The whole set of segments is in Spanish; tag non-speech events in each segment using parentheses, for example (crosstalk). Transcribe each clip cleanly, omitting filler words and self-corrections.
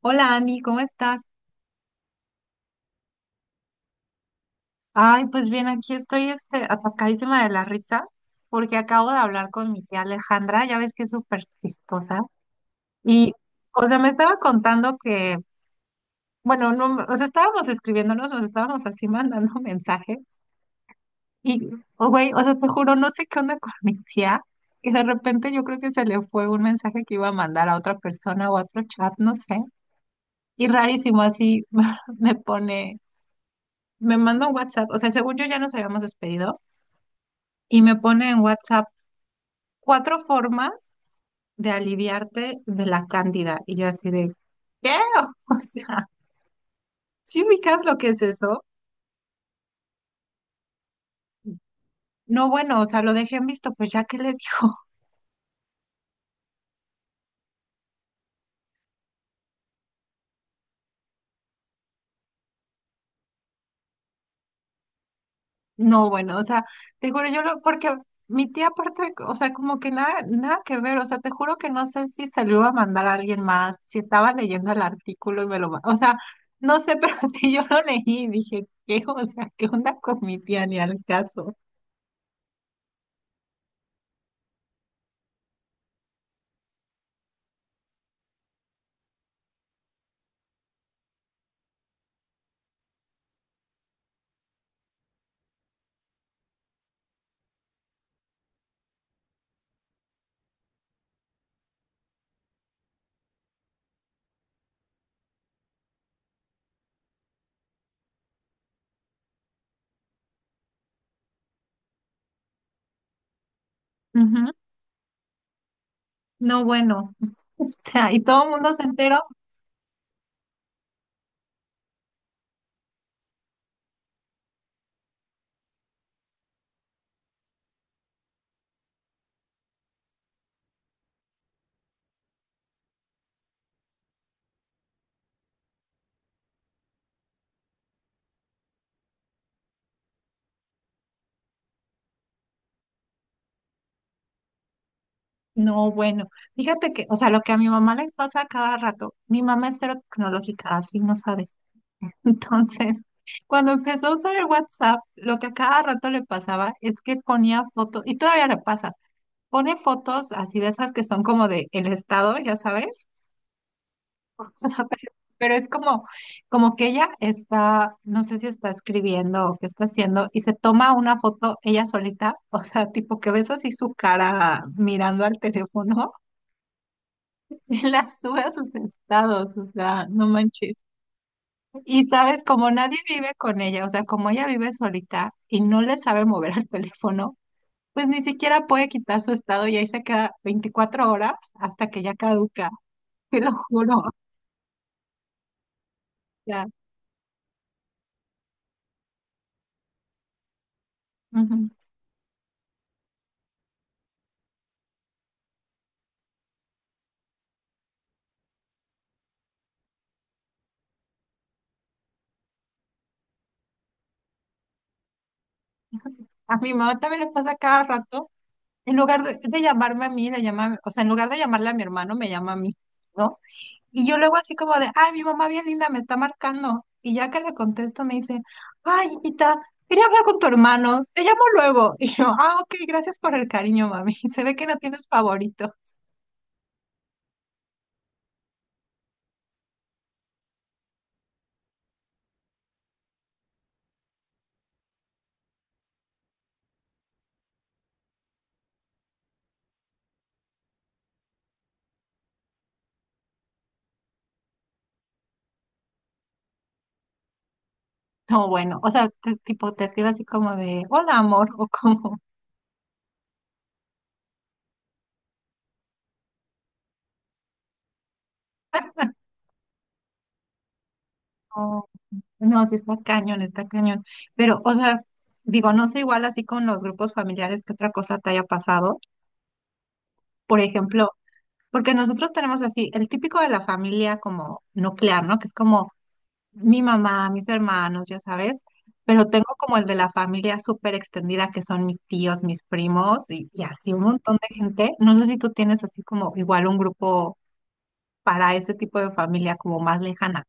Hola Andy, ¿cómo estás? Ay, pues bien, aquí estoy atacadísima de la risa porque acabo de hablar con mi tía Alejandra, ya ves que es súper chistosa. Y, me estaba contando que, bueno, no, o sea, estábamos escribiéndonos, nos estábamos así mandando (laughs) mensajes. Y, oh, güey, o sea, te juro, no sé qué onda con mi tía. Y de repente yo creo que se le fue un mensaje que iba a mandar a otra persona o a otro chat, no sé. Y rarísimo, así (laughs) me pone, me manda un WhatsApp. O sea, según yo ya nos habíamos despedido y me pone en WhatsApp cuatro formas de aliviarte de la cándida. Y yo así de, ¿qué? (laughs) O sea, ¿si ubicas lo que es eso? No, bueno, o sea, lo dejé en visto, pues ya que le dijo. (laughs) No, bueno, o sea, te juro, porque mi tía aparte, o sea, como que nada que ver, o sea, te juro que no sé si se lo iba a mandar a alguien más, si estaba leyendo el artículo y o sea, no sé, (laughs) pero si yo lo leí y dije, ¿qué? O sea, ¿qué onda con mi tía? Ni al caso. No, bueno, (laughs) o sea, y todo el mundo se enteró. No, bueno, fíjate que, o sea, lo que a mi mamá le pasa a cada rato, mi mamá es cero tecnológica, así no sabes. (laughs) Entonces, cuando empezó a usar el WhatsApp, lo que a cada rato le pasaba es que ponía fotos, y todavía le pasa, pone fotos así de esas que son como de el estado, ya sabes. (laughs) Pero, pero es como, como que ella está, no sé si está escribiendo o qué está haciendo, y se toma una foto ella solita, (laughs) o sea, tipo que ves así su cara mirando al teléfono (laughs) y la sube a sus estados, o sea, no manches. Y sabes, como nadie vive con ella, o sea, como ella vive solita y no le sabe mover al teléfono, pues ni siquiera puede quitar su estado y ahí se queda 24 horas hasta que ya caduca, te lo juro, o sea. Ujú. A mi mamá también le pasa cada rato. En lugar de llamarme a mí, le llama, a mi- o sea, en lugar de llamarle a mi hermano, me llama a mí, ¿no? Y yo luego así como de, ay, mi mamá bien linda me está marcando. Y ya que le contesto, me dice, ay, hijita, quería hablar con tu hermano, te llamo luego. (laughs) Y yo, ah, ok, gracias por el cariño, mami. (laughs) Se ve que no tienes favorito. No, bueno, o sea, tipo, te escribe así como de, hola, amor, (laughs) o como, no, sí está cañón, está cañón. Pero, o sea, digo, no sé igual así con los grupos familiares que otra cosa te haya pasado. Por ejemplo, porque nosotros tenemos así el típico de la familia como nuclear, ¿no? Que es como mi mamá, mis hermanos, ya sabes. Pero tengo como el de la familia súper extendida, que son mis tíos, mis primos y así un montón de gente. No sé si tú tienes así como igual un grupo para ese tipo de familia como más lejana.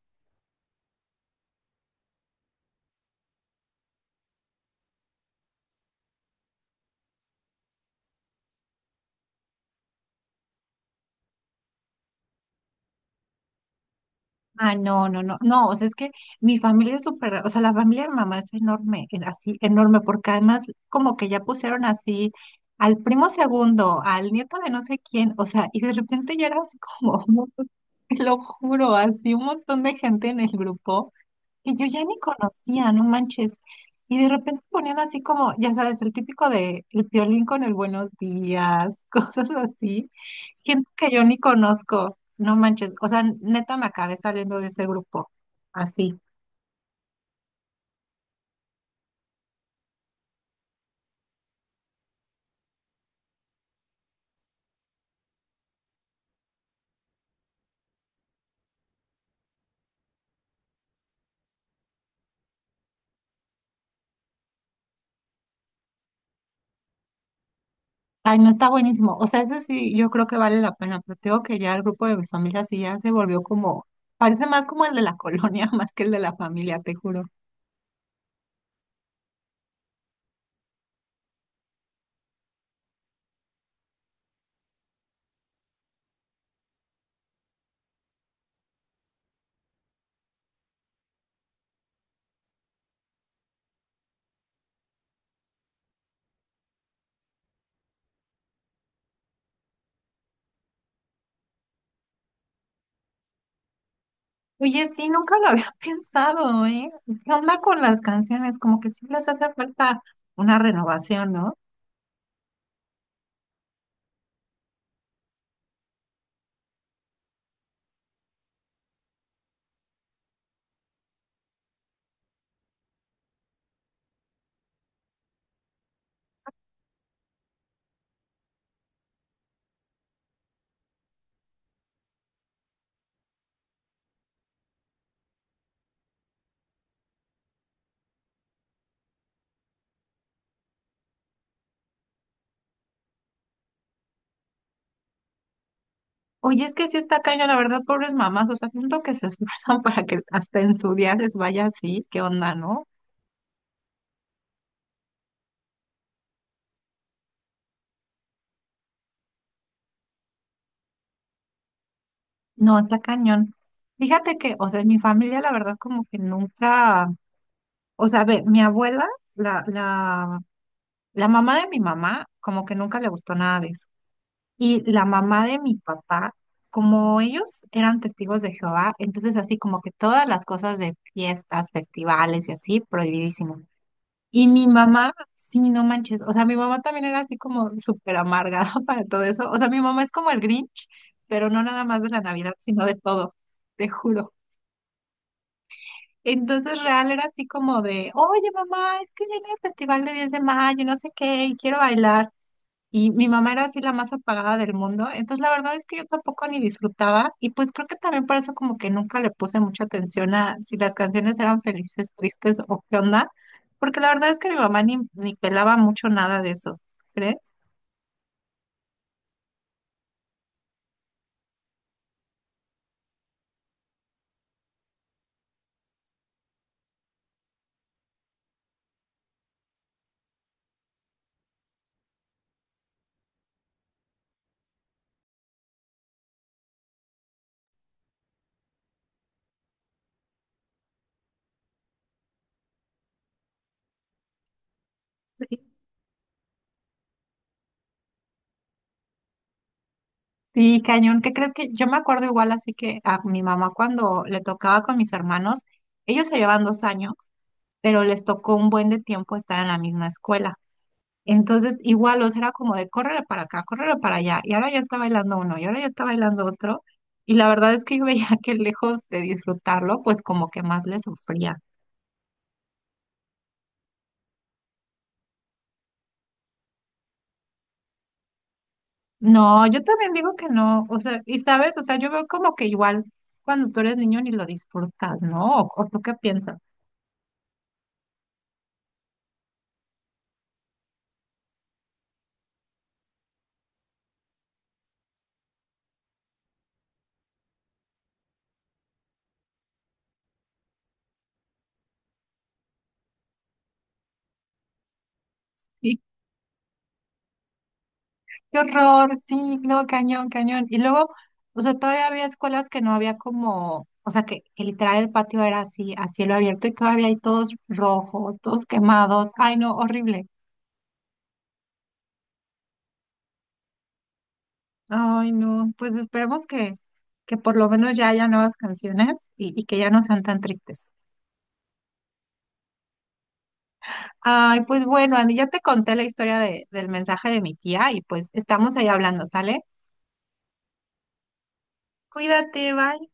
Ah, no, o sea, es que mi familia es súper, o sea, la familia de mi mamá es enorme, así, enorme, porque además como que ya pusieron así al primo segundo, al nieto de no sé quién, o sea, y de repente ya era así como, un montón, te lo juro, así un montón de gente en el grupo que yo ya ni conocía, no manches, y de repente ponían así como, ya sabes, el típico de el piolín con el buenos días, (laughs) cosas así. Gente que yo ni conozco, no manches, o sea, neta me acabé saliendo de ese grupo, así. Ay, no, está buenísimo, o sea, eso sí, yo creo que vale la pena, pero tengo que ya el grupo de mi familia sí ya se volvió como, parece más como el de la (laughs) colonia, más que el de la familia, te juro. Oye, sí, nunca lo había (laughs) pensado, ¿eh? ¿Qué onda con las canciones? Como que sí les hace falta una renovación, ¿no? Oye, es que sí está cañón, la verdad, pobres mamás, o sea, siento que se esfuerzan (laughs) para que hasta en su día les vaya así, ¿qué onda, no? No, está cañón. Fíjate que, o sea, en mi familia, la verdad, como que nunca, o sea, ve, mi abuela, la, la, la mamá de mi mamá, como que nunca le gustó nada de eso. Y la mamá de mi papá, como ellos eran testigos de Jehová, entonces así como que todas las cosas de fiestas, festivales y así, prohibidísimo. Y mi mamá, sí, no manches, o sea, mi mamá también era así como súper amargada (laughs) para todo eso. O sea, mi mamá es como el Grinch, pero no nada más de la Navidad, sino de todo, te juro. Entonces real era así como de, oye mamá, es que viene el festival de 10 de mayo, y no sé qué, y quiero bailar. Y mi mamá era así la más apagada del mundo. Entonces la verdad es que yo tampoco ni disfrutaba. Y pues creo que también por eso como que nunca le puse mucha atención a si las canciones eran felices, tristes o qué onda. Porque la verdad es que mi mamá ni pelaba mucho nada de eso, ¿crees? Sí, cañón, ¿qué crees? Que yo me acuerdo igual así que a mi mamá cuando le tocaba con mis hermanos, ellos se llevan 2 años, pero les tocó un buen de tiempo estar en la misma escuela. Entonces, igual, o sea, era como de córrele para acá, córrele para allá, y ahora ya está bailando uno, y ahora ya está bailando otro, y la verdad es que yo (laughs) veía que lejos de disfrutarlo, pues como que más le sufría. No, yo también digo que no, o sea, y sabes, o sea, yo veo como que igual cuando tú eres niño ni lo disfrutas, ¿no? O tú qué piensas? Qué horror, sí, no, cañón, cañón. Y luego, o sea, todavía había escuelas que no había como, o sea, que literal el patio era así, a cielo abierto y todavía hay todos rojos, todos quemados. Ay, no, horrible. Ay, no, pues esperemos que por lo menos ya haya nuevas canciones y que ya no sean tan tristes. Ay, pues bueno, Andy, ya te conté la historia del mensaje de mi tía y pues estamos ahí hablando, ¿sale? Cuídate, bye.